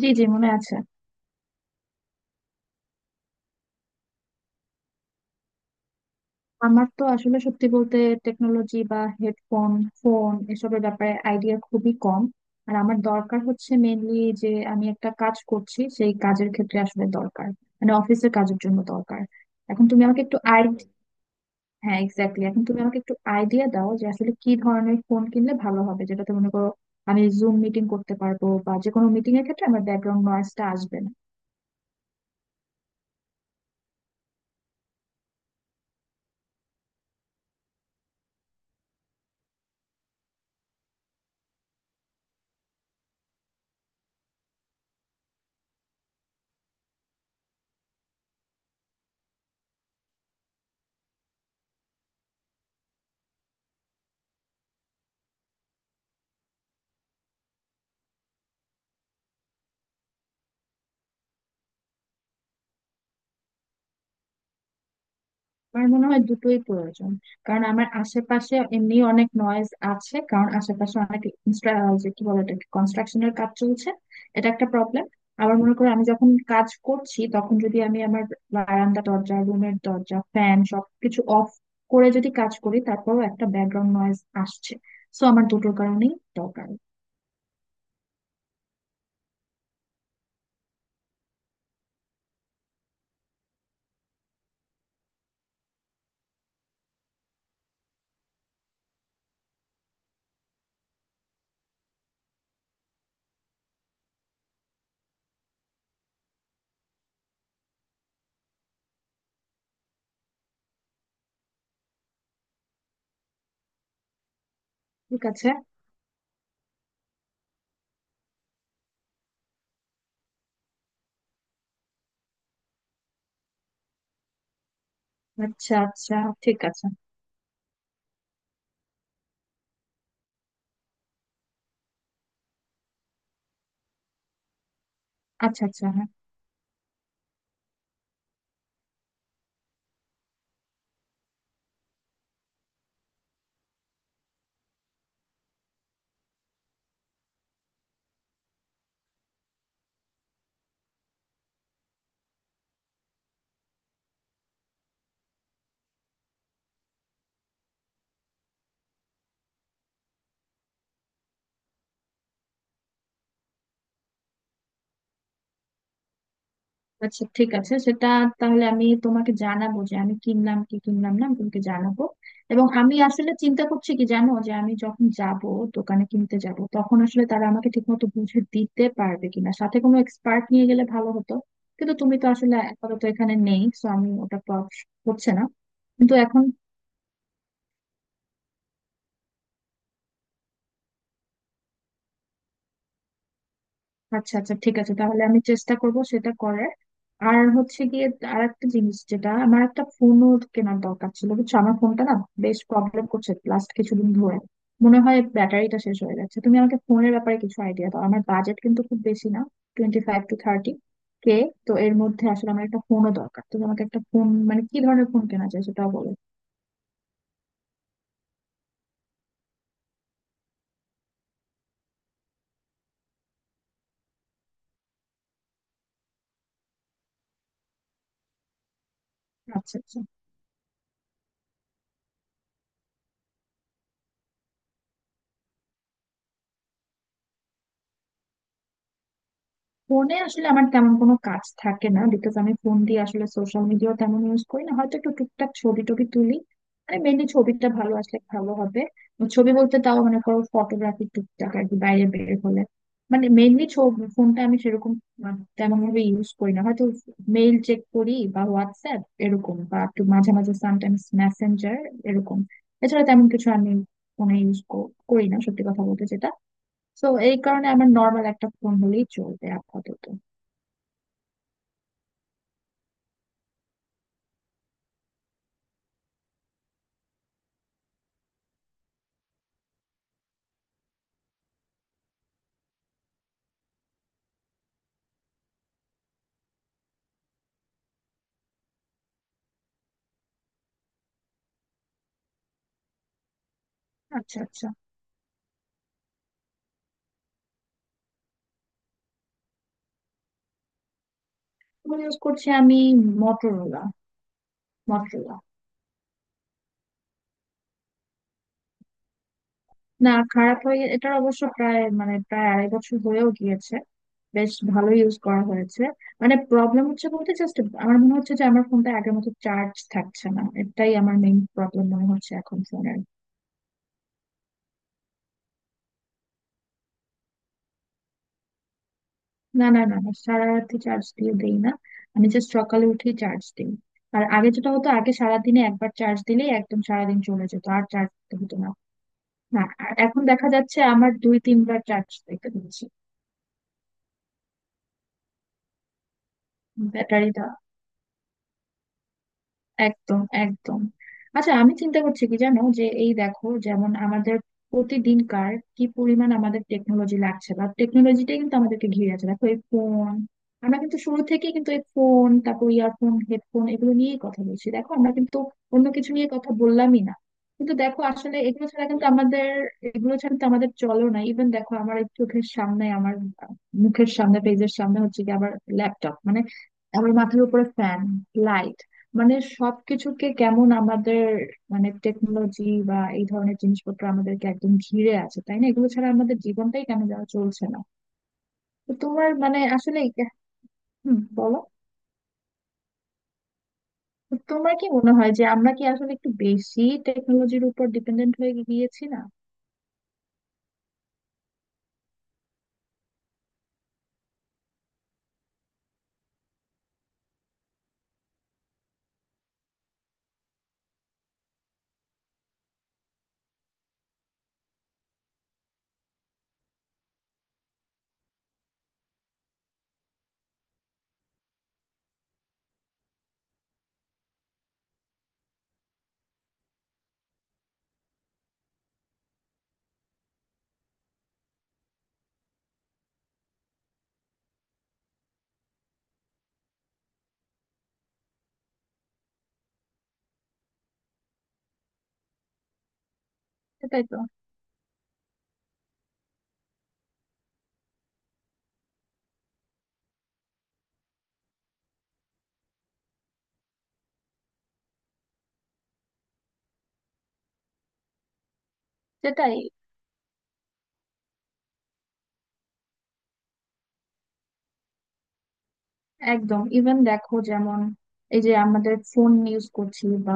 জি, জি, মনে আছে। আমার তো আসলে সত্যি বলতে টেকনোলজি বা হেডফোন ফোন এসবের ব্যাপারে আইডিয়া খুবই কম। আর আমার দরকার হচ্ছে মেনলি যে আমি একটা কাজ করছি, সেই কাজের ক্ষেত্রে আসলে দরকার। মানে অফিসের কাজের জন্য দরকার। এখন তুমি আমাকে একটু আই হ্যাঁ, এক্স্যাক্টলি, এখন তুমি আমাকে একটু আইডিয়া দাও যে আসলে কি ধরনের ফোন কিনলে ভালো হবে, যেটাতে মনে করো আমি জুম মিটিং করতে পারবো বা যে কোনো মিটিং এর ক্ষেত্রে আমার ব্যাকগ্রাউন্ড নয়েজটা আসবে না। আমার মনে হয় দুটোই প্রয়োজন। কারণ আমার আশেপাশে এমনি অনেক নয়েজ আছে, কারণ আশেপাশে অনেক যে কি বলে এটাকে, কনস্ট্রাকশনের কাজ চলছে। এটা একটা প্রবলেম। আবার মনে করো আমি যখন কাজ করছি, তখন যদি আমি আমার বারান্দা, দরজা, রুমের দরজা, ফ্যান সবকিছু অফ করে যদি কাজ করি, তারপরেও একটা ব্যাকগ্রাউন্ড নয়েজ আসছে। সো আমার দুটোর কারণেই দরকার। ঠিক আছে। আচ্ছা আচ্ছা ঠিক আছে। আচ্ছা আচ্ছা হ্যাঁ। আচ্ছা ঠিক আছে সেটা। তাহলে আমি তোমাকে জানাবো যে আমি কিনলাম কি কিনলাম না, আমি তোমাকে জানাবো। এবং আমি আসলে চিন্তা করছি কি জানো, যে আমি যখন যাব দোকানে কিনতে যাব, তখন আসলে তারা আমাকে ঠিকমতো বুঝে দিতে পারবে কিনা। সাথে কোনো এক্সপার্ট নিয়ে গেলে ভালো হতো। কিন্তু তুমি তো আসলে আপাতত এখানে নেই, সো আমি ওটা পাওয়া হচ্ছে না। কিন্তু এখন আচ্ছা আচ্ছা ঠিক আছে, তাহলে আমি চেষ্টা করব সেটা করার। আর হচ্ছে গিয়ে, আর একটা জিনিস যেটা, আমার একটা ফোনও কেনার দরকার ছিল। বুঝছো আমার ফোনটা না বেশ প্রবলেম করছে লাস্ট কিছুদিন ধরে। মনে হয় ব্যাটারিটা শেষ হয়ে যাচ্ছে। তুমি আমাকে ফোনের ব্যাপারে কিছু আইডিয়া দাও, আমার বাজেট কিন্তু খুব বেশি না। 25-30 কে। তো এর মধ্যে আসলে আমার একটা ফোনও দরকার, তুমি আমাকে একটা ফোন মানে কি ধরনের ফোন কেনা যায় সেটাও বলো। আচ্ছা আচ্ছা। ফোনে আসলে আমার তেমন কোনো কাজ থাকে না, বিকজ আমি ফোন দিয়ে আসলে সোশ্যাল মিডিয়া তেমন ইউজ করি না, হয়তো একটু টুকটাক ছবি টবি তুলি। মানে মেনলি ছবিটা ভালো আসলে ভালো হবে। ছবি বলতে তাও মনে করো ফটোগ্রাফি টুকটাক আর কি, বাইরে বের হলে। মানে মেনলি ছবি, ফোনটা আমি সেরকম মানে তেমন ভাবে ইউজ করি না হয়তো। মেইল চেক করি বা হোয়াটসঅ্যাপ এরকম, বা একটু মাঝে মাঝে সামটাইমস মেসেঞ্জার এরকম। এছাড়া তেমন কিছু আমি ফোনে ইউজ করি না সত্যি কথা বলতে, যেটা। তো এই কারণে আমার নর্মাল একটা ফোন হলেই চলবে আপাতত। আচ্ছা আচ্ছা। ফোন ইউজ করছি আমি মটোরোলা। মটোরোলা। না, খারাপ হয়ে, এটার অবশ্য প্রায় মানে প্রায় 2.5 বছর হয়েও গিয়েছে, বেশ ভালো ইউজ করা হয়েছে। মানে প্রবলেম হচ্ছে বলতে জাস্ট আমার মনে হচ্ছে যে আমার ফোনটা আগের মতো চার্জ থাকছে না, এটাই আমার মেইন প্রবলেম মনে হচ্ছে এখন ফোনের। না না না না, সারা রাত্রি চার্জ দিয়ে দেই না। আমি জাস্ট সকালে উঠে চার্জ দিই। আর আগে যেটা হতো, আগে সারাদিনে একবার চার্জ দিলেই একদম সারাদিন চলে যেত, আর চার্জ দিতে হতো না। না, আর এখন দেখা যাচ্ছে আমার 2-3 বার চার্জ দিতে হচ্ছে। ব্যাটারি দাও। একদম, একদম। আচ্ছা, আমি চিন্তা করছি কি জানো, যে এই দেখো যেমন আমাদের প্রতিদিনকার কি পরিমাণ আমাদের টেকনোলজি লাগছে, বা টেকনোলজিটাই কিন্তু আমাদেরকে ঘিরে আছে। দেখো এই ফোন, আমরা কিন্তু শুরু থেকে কিন্তু এই ফোন, তারপর ইয়ারফোন, হেডফোন এগুলো নিয়েই কথা বলছি। দেখো আমরা কিন্তু অন্য কিছু নিয়ে কথা বললামই না। কিন্তু দেখো আসলে এগুলো ছাড়া কিন্তু আমাদের, এগুলো ছাড়া কিন্তু আমাদের চলো না। ইভেন দেখো আমার এই চোখের সামনে আমার, আহ, মুখের সামনে, পেজের সামনে হচ্ছে কি, আবার ল্যাপটপ, মানে আমার মাথার উপরে ফ্যান, লাইট, মানে সবকিছুকে কেমন আমাদের মানে টেকনোলজি বা এই ধরনের জিনিসপত্র আমাদেরকে একদম ঘিরে আছে, তাই না? এগুলো ছাড়া আমাদের জীবনটাই কেন যাওয়া চলছে না। তো তোমার মানে আসলে, হুম বলো, তো তোমার কি মনে হয় যে আমরা কি আসলে একটু বেশি টেকনোলজির উপর ডিপেন্ডেন্ট হয়ে গিয়েছি না? সেটাই তো। সেটাই, একদম। ইভেন দেখো যেমন এই যে আমাদের ফোন ইউজ করছি বা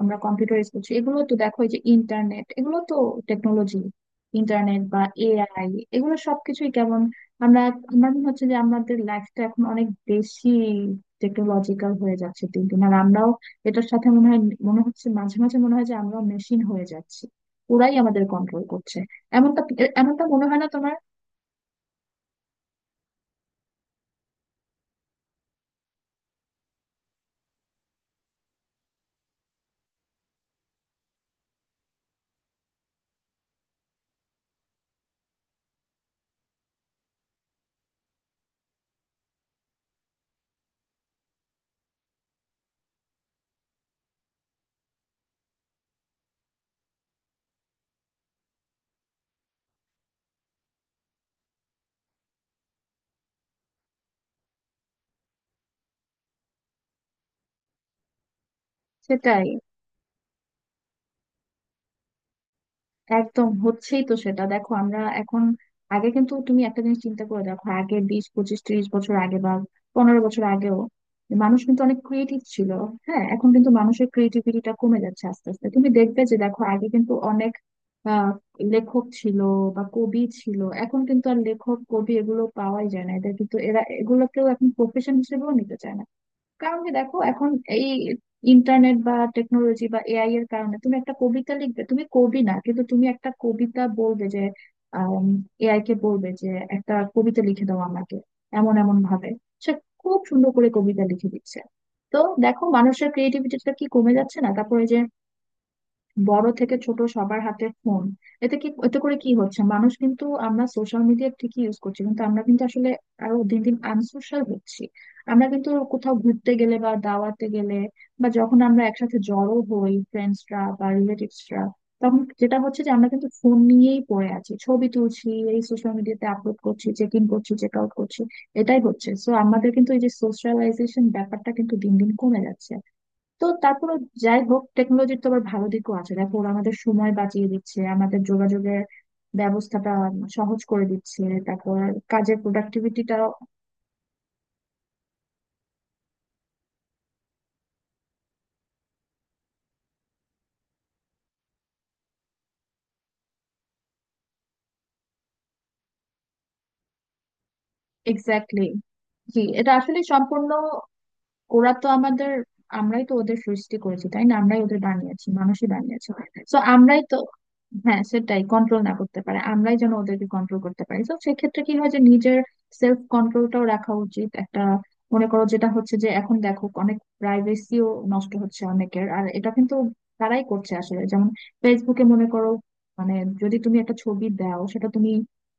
আমরা কম্পিউটার ইউজ করছি, এগুলো তো দেখো, এই যে ইন্টারনেট, এগুলো তো টেকনোলজি, ইন্টারনেট বা এআই, এগুলো সবকিছুই কেমন, আমরা, আমার মনে হচ্ছে যে আমাদের লাইফটা এখন অনেক বেশি টেকনোলজিক্যাল হয়ে যাচ্ছে দিন দিন, আর আমরাও এটার সাথে মনে হয়, মনে হচ্ছে মাঝে মাঝে মনে হয় যে আমরাও মেশিন হয়ে যাচ্ছি, ওরাই আমাদের কন্ট্রোল করছে। এমনটা এমনটা মনে হয় না তোমার? সেটাই। একদম হচ্ছেই তো সেটা। দেখো আমরা এখন, আগে কিন্তু, তুমি একটা জিনিস চিন্তা করে দেখো, আগে 20-25-30 বছর আগে বা 15 বছর আগেও মানুষ কিন্তু অনেক ক্রিয়েটিভ ছিল। হ্যাঁ, এখন কিন্তু মানুষের ক্রিয়েটিভিটিটা কমে যাচ্ছে আস্তে আস্তে, তুমি দেখবে যে, দেখো আগে কিন্তু অনেক আহ লেখক ছিল বা কবি ছিল, এখন কিন্তু আর লেখক কবি এগুলো পাওয়াই যায় না, এদের কিন্তু, এরা এগুলোকেও এখন প্রফেশন হিসেবেও নিতে চায় না। কারণ কি, দেখো এখন এই ইন্টারনেট বা টেকনোলজি বা এআই এর কারণে তুমি একটা কবিতা লিখবে, তুমি কবি না কিন্তু, তুমি একটা কবিতা বলবে যে, এআই কে বলবে যে একটা কবিতা লিখে দাও আমাকে এমন এমন ভাবে, সে খুব সুন্দর করে কবিতা লিখে দিচ্ছে। তো দেখো মানুষের ক্রিয়েটিভিটিটা কি কমে যাচ্ছে না? তারপরে যে বড় থেকে ছোট সবার হাতে ফোন, এতে কি, এতে করে কি হচ্ছে, মানুষ কিন্তু, আমরা সোশ্যাল মিডিয়া ঠিকই ইউজ করছি, কিন্তু আমরা কিন্তু আসলে আরো দিন দিন আনসোশ্যাল হচ্ছি। আমরা কিন্তু কোথাও ঘুরতে গেলে বা দাওয়াতে গেলে, বা যখন আমরা একসাথে জড়ো হই ফ্রেন্ডসরা বা রিলেটিভসরা, তখন যেটা হচ্ছে যে আমরা কিন্তু ফোন নিয়েই পড়ে আছি, ছবি তুলছি, এই সোশ্যাল মিডিয়াতে আপলোড করছি, চেক ইন করছি, চেক আউট করছি, এটাই হচ্ছে। সো আমাদের কিন্তু এই যে সোশ্যালাইজেশন ব্যাপারটা কিন্তু দিন দিন কমে যাচ্ছে। তো তারপরে, যাই হোক, টেকনোলজির তো আবার ভালো দিকও আছে। দেখো ওরা আমাদের সময় বাঁচিয়ে দিচ্ছে, আমাদের যোগাযোগের ব্যবস্থাটা সহজ করে দিচ্ছে। তারপর কাজের প্রোডাক্টিভিটিটা। এক্স্যাক্টলি। জি, এটা আসলে সম্পূর্ণ, ওরা তো আমাদের, আমরাই তো ওদের সৃষ্টি করেছি তাই না, আমরাই ওদের বানিয়েছি, মানুষই বানিয়েছে। তো আমরাই তো, হ্যাঁ সেটাই, কন্ট্রোল না করতে পারে, আমরাই যেন ওদেরকে কন্ট্রোল করতে পারি। তো সেক্ষেত্রে কি হয় যে নিজের সেলফ কন্ট্রোলটাও রাখা উচিত একটা। মনে করো যেটা হচ্ছে যে এখন দেখো অনেক প্রাইভেসিও নষ্ট হচ্ছে অনেকের, আর এটা কিন্তু তারাই করছে আসলে। যেমন ফেসবুকে মনে করো, মানে যদি তুমি একটা ছবি দাও, সেটা তুমি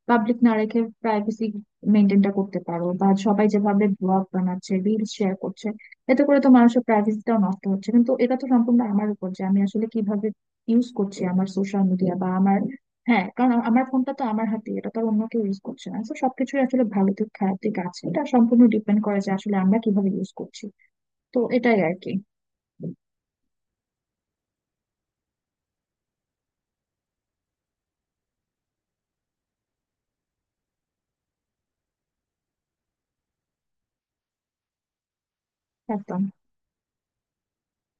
পাবলিক না রেখে প্রাইভেসি মেনটেনটা করতে পারো। বা সবাই যেভাবে ব্লগ বানাচ্ছে, রিলস শেয়ার করছে, এতে করে তো মানুষের প্রাইভেসিটাও নষ্ট হচ্ছে। কিন্তু এটা তো সম্পূর্ণ আমার উপর যে আমি আসলে কিভাবে ইউজ করছি আমার সোশ্যাল মিডিয়া বা আমার। হ্যাঁ কারণ আমার ফোনটা তো আমার হাতে, এটা তো আর অন্য কেউ ইউজ করছে না। তো সবকিছুই আসলে ভালো দিক খারাপ দিক আছে, এটা সম্পূর্ণ ডিপেন্ড করে যে আসলে আমরা কিভাবে ইউজ করছি। তো এটাই আর কি। একদম।